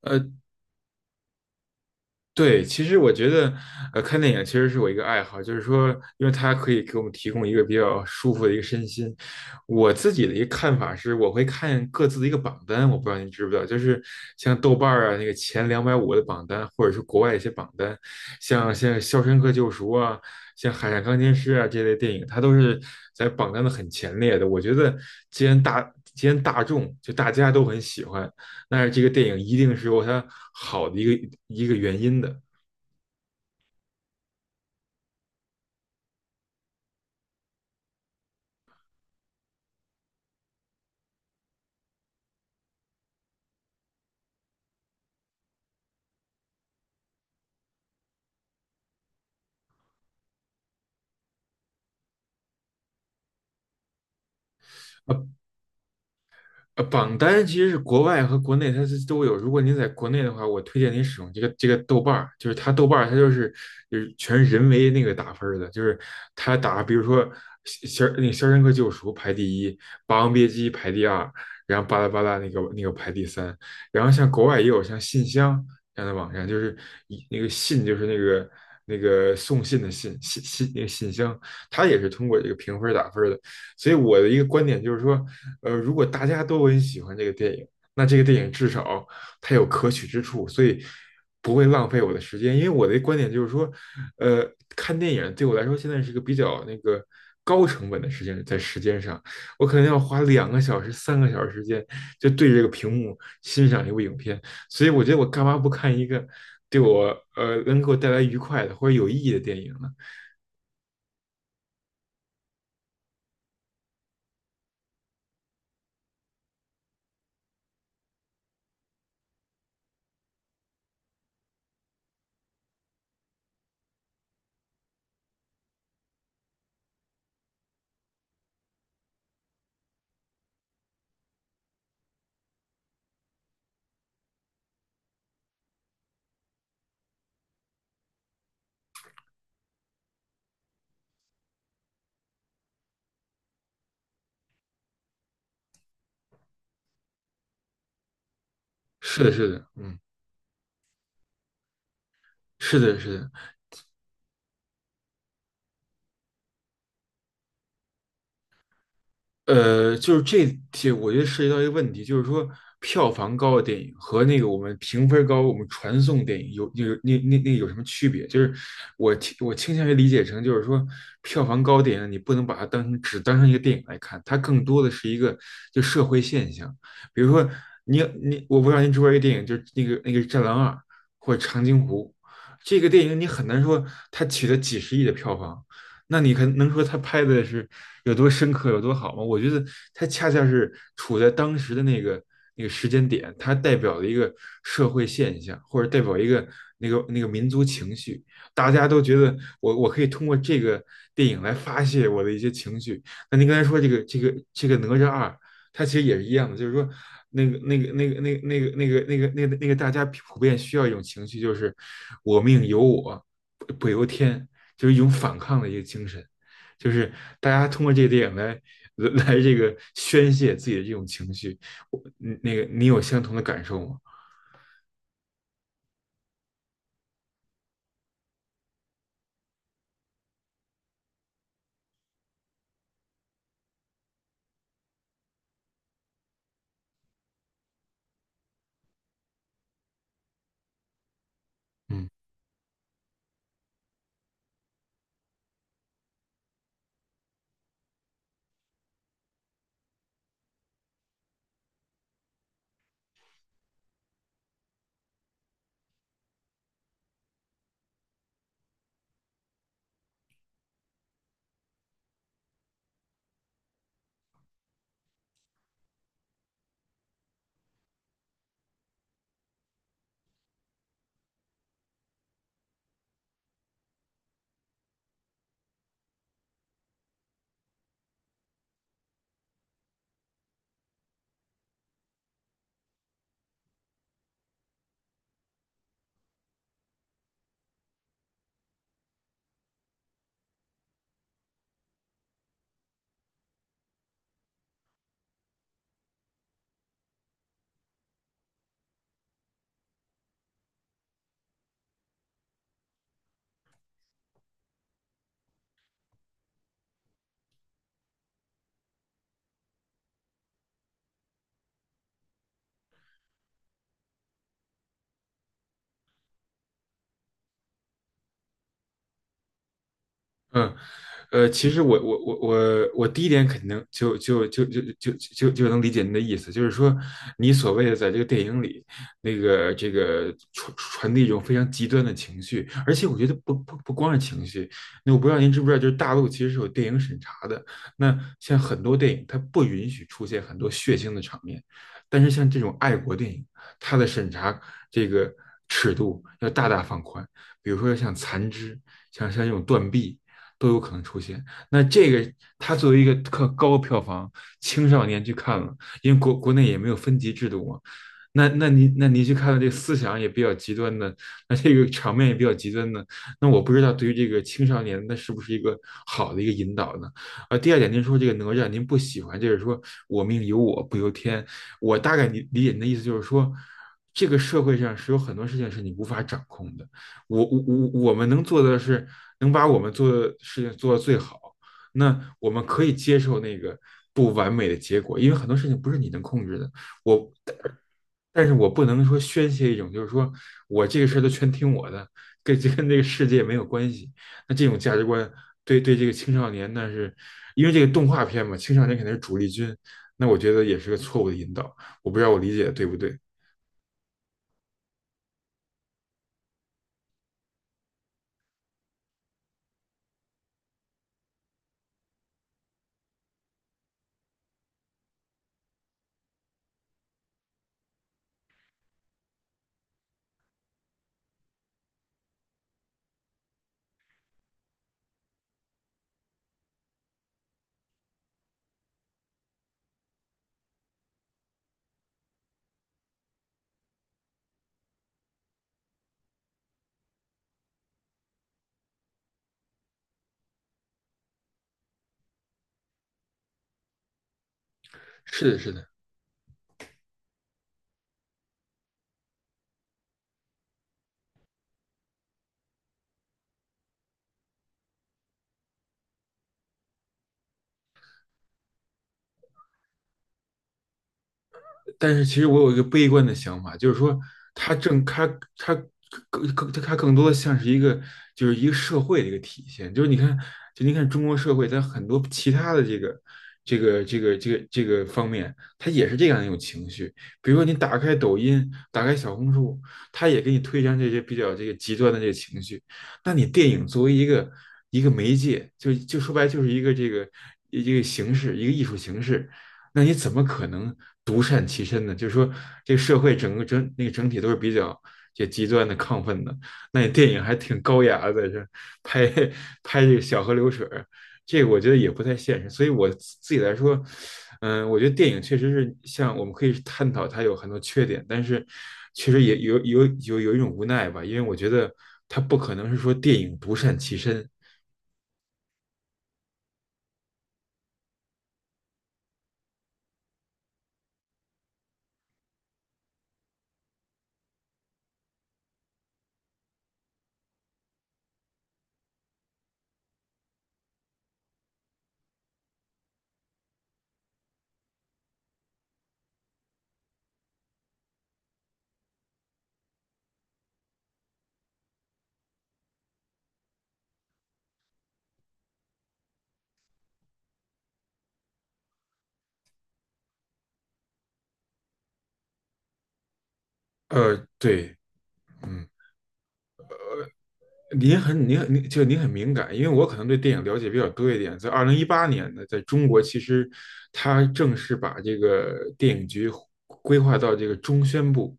呃，对，其实我觉得，看电影其实是我一个爱好，就是说，因为它可以给我们提供一个比较舒服的一个身心。我自己的一个看法是，我会看各自的一个榜单，我不知道您知不知道，就是像豆瓣儿啊那个前两百五的榜单，或者是国外一些榜单，像《肖申克救赎》啊，像《海上钢琴师啊》这类电影，它都是在榜单的很前列的。我觉得，既然大众就大家都很喜欢，但是这个电影一定是有它好的一个原因的啊，榜单其实是国外和国内它是都有。如果您在国内的话，我推荐您使用这个豆瓣儿，就是它豆瓣儿它就是就是全是人为那个打分儿的，就是它打比如说肖那个肖申克救赎》排第一，《霸王别姬》排第二，然后巴拉巴拉那个排第三。然后像国外也有像信箱这样的网站，就是一那个信就是那个那个送信的信那个信箱，它也是通过这个评分儿打分儿的。所以我的一个观点就是说，如果大家都很喜欢这个电影，那这个电影至少它有可取之处，所以不会浪费我的时间。因为我的观点就是说，呃，看电影对我来说现在是个比较那个高成本的时间，在时间上，我可能要花两个小时、三个小时时间就对着这个屏幕欣赏一部影片，所以我觉得我干嘛不看一个对我能给我带来愉快的或者有意义的电影呢？是的，是的，嗯。是的，是的。就是这题，我觉得涉及到一个问题，就是说票房高的电影和那个我们评分高、我们传送电影有那有什么区别？就是我倾向于理解成，就是说票房高的电影，你不能把它当成只当成一个电影来看，它更多的是一个就社会现象。比如说你，我不知道您知不知道一个电影，就是那个《战狼二》或者《长津湖》，这个电影你很难说它取得几十亿的票房。那你可能说他拍的是有多深刻、有多好吗？我觉得他恰恰是处在当时的那个那个时间点，它代表了一个社会现象，或者代表一个那个民族情绪。大家都觉得我可以通过这个电影来发泄我的一些情绪。那您刚才说这个哪吒二，它其实也是一样的，就是说那个那个那个那个那个那个那个那个那个大家普遍需要一种情绪，就是我命由我不由天。就是一种反抗的一个精神，就是大家通过这个电影来这个宣泄自己的这种情绪。我嗯那个你有相同的感受吗？嗯嗯。其实我第一点肯定能就就就就就就就能理解您的意思，就是说你所谓的在这个电影里，那个这个传递一种非常极端的情绪，而且我觉得不光是情绪，那我不知道您知不知道，就是大陆其实是有电影审查的，那像很多电影它不允许出现很多血腥的场面，但是像这种爱国电影，它的审查这个尺度要大大放宽，比如说像《残肢》，像这种《断臂》。都有可能出现。那这个他作为一个特高票房，青少年去看了，因为国内也没有分级制度嘛。那你去看了这个思想也比较极端的，那这个场面也比较极端的，那我不知道对于这个青少年，那是不是一个好的一个引导呢？啊，第二点，您说这个哪吒您不喜欢，就是说我命由我不由天，我大概理解您的意思就是说，这个社会上是有很多事情是你无法掌控的，我们能做的是能把我们做的事情做到最好。那我们可以接受那个不完美的结果，因为很多事情不是你能控制的。我，但是我不能说宣泄一种，就是说我这个事儿都全听我的，跟这个世界没有关系。那这种价值观对这个青少年，那是因为这个动画片嘛，青少年肯定是主力军。那我觉得也是个错误的引导，我不知道我理解的对不对。是的，是的。但是其实我有一个悲观的想法，就是说它正它它更它更多的像是一个就是一个社会的一个体现，就是你看就你看中国社会在很多其他的这个方面，它也是这样一种情绪。比如说你打开抖音，打开小红书，它也给你推荐这些比较这个极端的这个情绪。那你电影作为一个媒介，就说白了就是一个这个一个形式，一个艺术形式，那你怎么可能独善其身呢？就是说，这个社会整个整那个整体都是比较这极端的亢奋的，那你电影还挺高雅的，这拍拍这个小河流水这个我觉得也不太现实。所以我自己来说，嗯，我觉得电影确实是像我们可以探讨它有很多缺点，但是确实也有一种无奈吧，因为我觉得它不可能是说电影独善其身。呃，对，嗯。您很敏感，因为我可能对电影了解比较多一点。在二零一八年呢，在中国其实它正式把这个电影局规划到这个中宣部，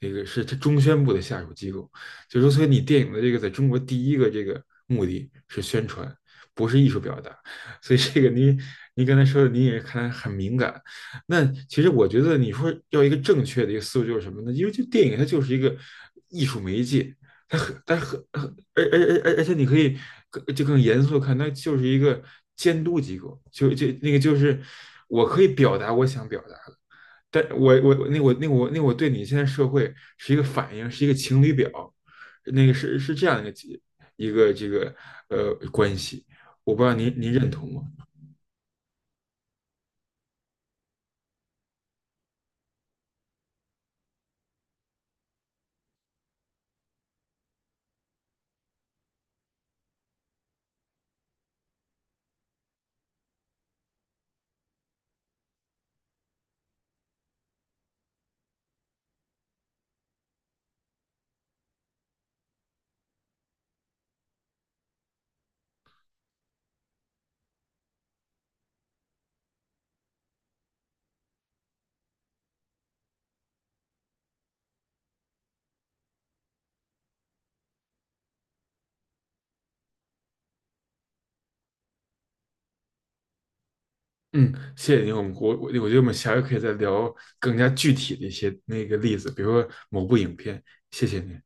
那个是它中宣部的下属机构。就是说，所以你电影的这个在中国第一个这个目的是宣传，不是艺术表达。所以这个您刚才说的，您也看来很敏感。那其实我觉得你说要一个正确的一个思路就是什么呢？因为这电影它就是一个艺术媒介。它很、它很、而且你可以更严肃地看，它就是一个监督机构，那个就是我可以表达我想表达的，但我对你现在社会是一个反应，是一个情侣表，那个是是这样一个一个这个关系，我不知道您认同吗？嗯，谢谢您，我觉得我们下回可以再聊更加具体的一些那个例子，比如说某部影片，谢谢您。